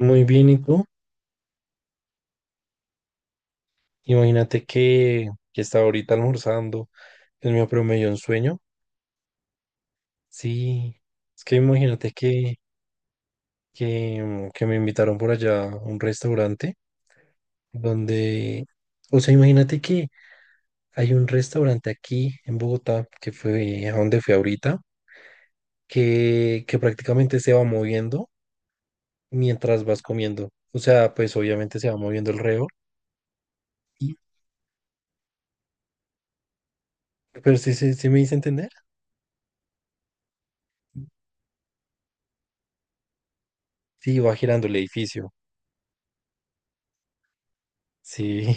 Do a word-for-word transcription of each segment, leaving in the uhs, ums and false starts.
Muy bien, ¿y tú? Imagínate que, que estaba ahorita almorzando, el mío pero me dio un sueño. Sí, es que imagínate que, que, mm, que me invitaron por allá a un restaurante donde, o sea, imagínate que hay un restaurante aquí en Bogotá, que fue a donde fui ahorita, que, que prácticamente se va moviendo mientras vas comiendo. O sea, pues obviamente se va moviendo alrededor, y- pero sí, sí, sí me hice entender. Sí, va girando el edificio. Sí.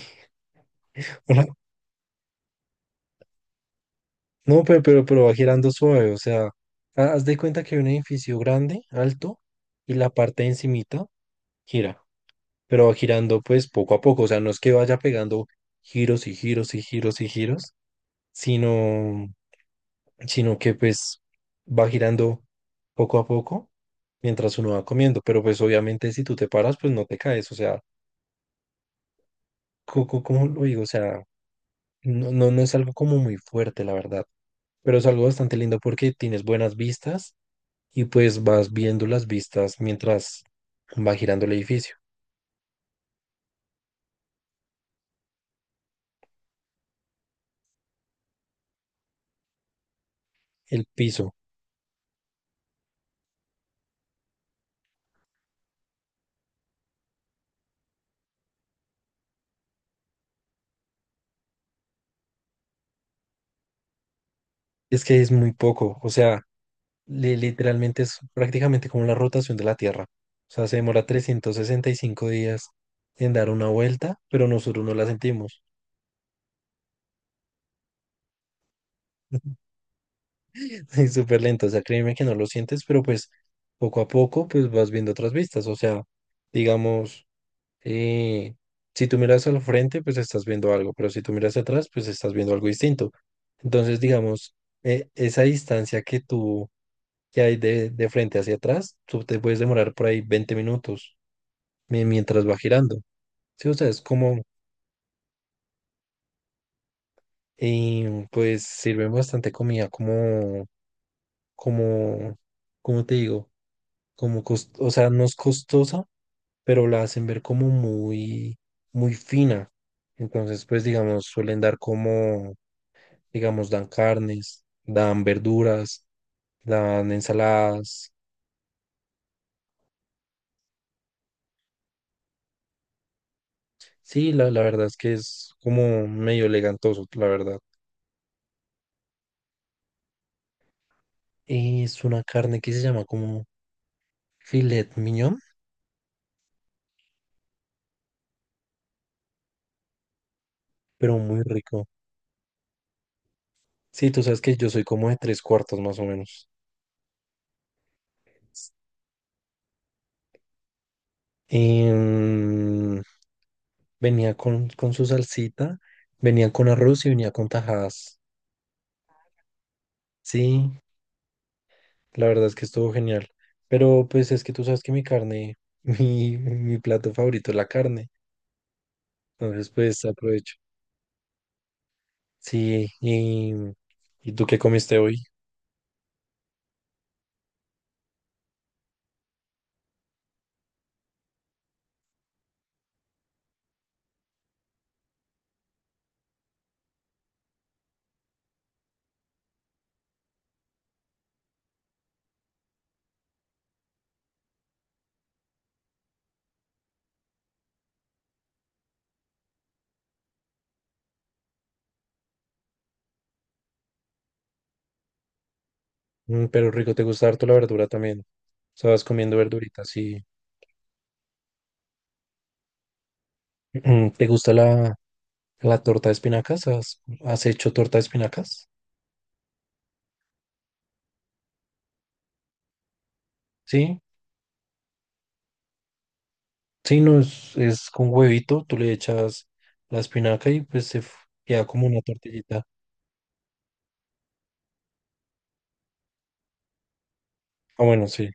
Ajá. No, pero, pero, pero va girando suave, o sea, ha- haz de cuenta que hay un edificio grande, alto, y la parte de encimita gira, pero va girando pues poco a poco, o sea, no es que vaya pegando giros y giros y giros y giros, sino, sino que pues va girando poco a poco mientras uno va comiendo, pero pues obviamente si tú te paras, pues no te caes, o sea, co- co- ¿cómo lo digo? O sea, no, no, no es algo como muy fuerte, la verdad, pero es algo bastante lindo porque tienes buenas vistas y pues vas viendo las vistas mientras va girando el edificio, el piso. Es que es muy poco, o sea, li- literalmente es prácticamente como la rotación de la Tierra. O sea, se demora trescientos sesenta y cinco días en dar una vuelta, pero nosotros no la sentimos. Es súper lento, o sea, créeme que no lo sientes, pero pues poco a poco pues vas viendo otras vistas, o sea, digamos... eh, si tú miras al frente, pues estás viendo algo, pero si tú miras atrás, pues estás viendo algo distinto. Entonces, digamos, eh, esa distancia que tú, que hay de, de frente hacia atrás, tú te puedes demorar por ahí veinte minutos mi- mientras va girando. Sí, o sea, es como, eh, pues sirven bastante comida como, como, como te digo, como, cos- o sea, no es costosa, pero la hacen ver como muy, muy fina. Entonces, pues digamos, suelen dar como digamos, dan carnes, dan verduras, dan ensaladas. Sí, la, la verdad es que es como medio elegantoso, la verdad. Es una carne que se llama como filet mignon, pero muy rico. Sí, tú sabes que yo soy como de tres cuartos más o menos. Em, Venía con, con su salsita, venía con arroz y venía con tajadas. Sí, la verdad es que estuvo genial. Pero pues es que tú sabes que mi carne, mi, mi plato favorito es la carne. Entonces, pues aprovecho. Sí, y, ¿y tú qué comiste hoy? Mm, pero rico, te gusta harto la verdura también. O sea, vas comiendo verduritas, sí. Mm, ¿Te gusta la, la torta de espinacas? ¿Has, has hecho torta de espinacas? Sí, sí, no, es, es con huevito, tú le echas la espinaca y pues se f- queda como una tortillita. Ah, bueno, sí.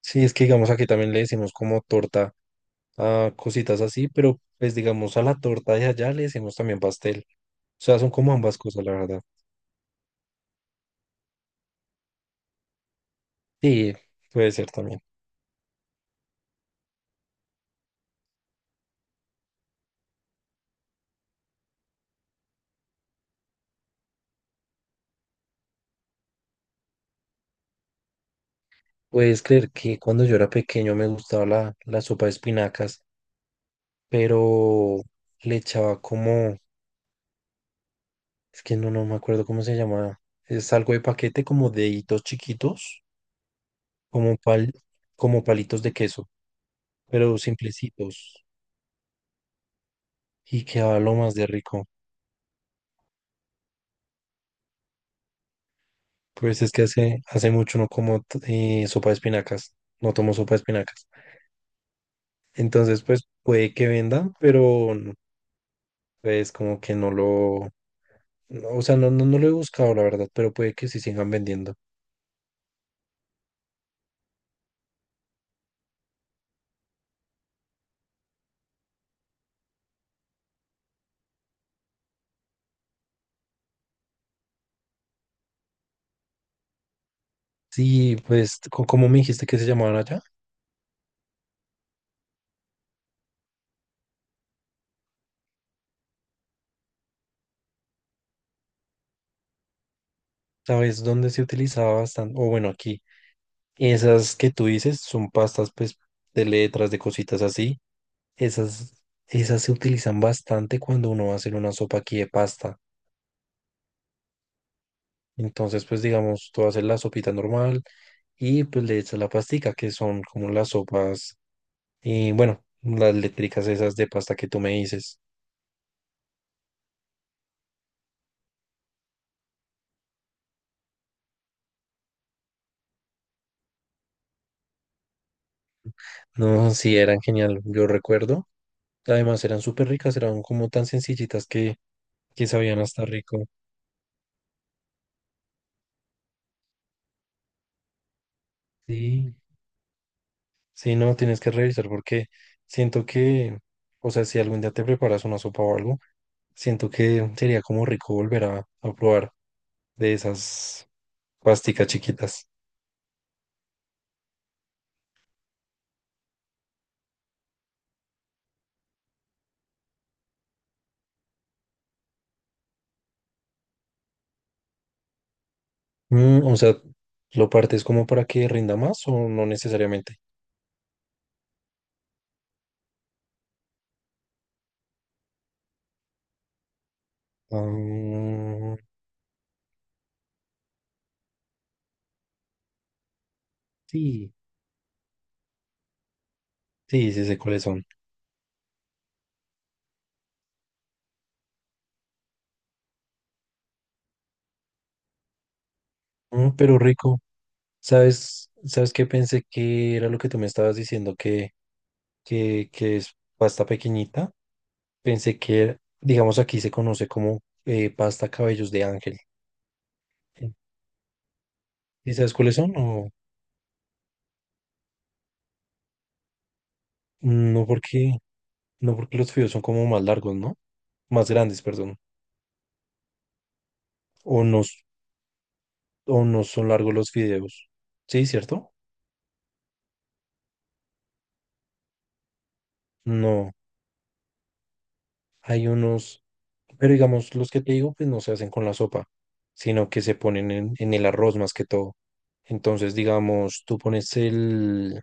Sí, es que digamos aquí también le decimos como torta a cositas así, pero pues digamos a la torta de allá le decimos también pastel. O sea, son como ambas cosas, la verdad. Sí, puede ser también. ¿Puedes creer que cuando yo era pequeño me gustaba la, la sopa de espinacas, pero le echaba como, es que no, no me acuerdo cómo se llamaba, es algo de paquete como deditos chiquitos, como pal, como palitos de queso, pero simplecitos, y quedaba lo más de rico. Pues es que hace, hace mucho no como t- eh, sopa de espinacas, no tomo sopa de espinacas. Entonces, pues puede que venda, pero pues como que no lo... No, o sea, no, no, no lo he buscado, la verdad, pero puede que sí sigan vendiendo. Sí, pues, co- como me dijiste que se llamaban allá? ¿Sabes dónde se utilizaba bastante? O bueno, aquí. Esas que tú dices son pastas, pues, de letras, de cositas así. Esas, Esas se utilizan bastante cuando uno va a hacer una sopa aquí de pasta. Entonces, pues, digamos, tú haces la sopita normal y pues le echas la pastica, que son como las sopas, y bueno, las eléctricas esas de pasta que tú me dices. No, sí, eran genial, yo recuerdo. Además eran súper ricas, eran como tan sencillitas que, que sabían hasta rico. Sí. Sí, no, tienes que revisar porque siento que, o sea, si algún día te preparas una sopa o algo, siento que sería como rico volver a, a probar de esas pasticas chiquitas. Mm, o sea, ¿lo partes como para que rinda más o no necesariamente? Ah, sí. Sí, sí sé cuáles son. Mm, pero rico. ¿Sabes? ¿Sabes qué pensé que era lo que tú me estabas diciendo? Que que, que es pasta pequeñita. Pensé que, digamos, aquí se conoce como eh, pasta cabellos de ángel. Eh, ¿Y sabes cuáles son? No, no porque, no porque los fideos son como más largos, ¿no? Más grandes, perdón. O no, s- o no son largos los fideos. ¿Sí, cierto? No, hay unos, pero digamos, los que te digo, pues no se hacen con la sopa, sino que se ponen en, en el arroz más que todo. Entonces, digamos, tú pones el,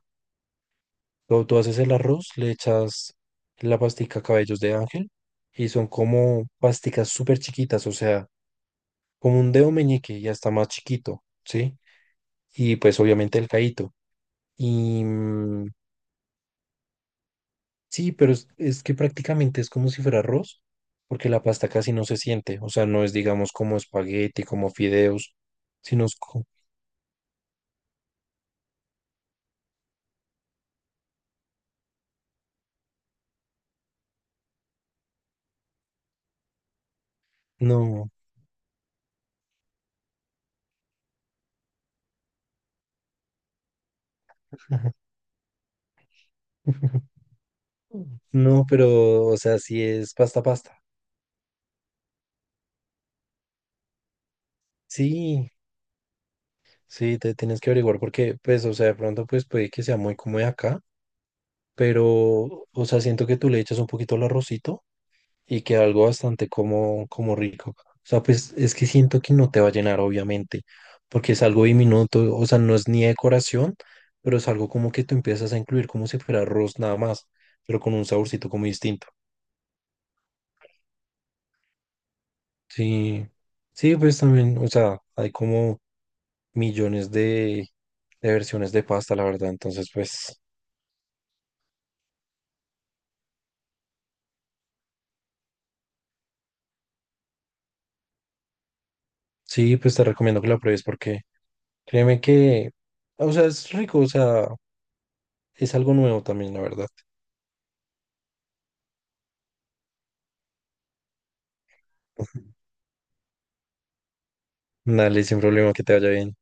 Tú, tú haces el arroz, le echas la pastica cabellos de ángel y son como pasticas súper chiquitas, o sea, como un dedo meñique y hasta más chiquito, ¿sí? Y pues obviamente el caíto. Y mm, sí, pero es, es que prácticamente es como si fuera arroz, porque la pasta casi no se siente, o sea, no es digamos como espagueti, como fideos, sino es co- No. No, pero, o sea, sí es pasta pasta. Sí. Sí, te tienes que averiguar porque, pues, o sea, de pronto, pues, puede que sea muy como de acá, pero, o sea, siento que tú le echas un poquito al arrocito y queda algo bastante como, como rico. O sea, pues, es que siento que no te va a llenar, obviamente, porque es algo diminuto, o sea, no es ni decoración, pero es algo como que tú empiezas a incluir como si fuera arroz nada más, pero con un saborcito como distinto. Sí, sí, pues también, o sea, hay como millones de, de versiones de pasta, la verdad, entonces, pues... Sí, pues te recomiendo que lo pruebes porque créeme que, o sea, es rico, o sea, es algo nuevo también, la verdad. Dale, sin problema, que te vaya bien.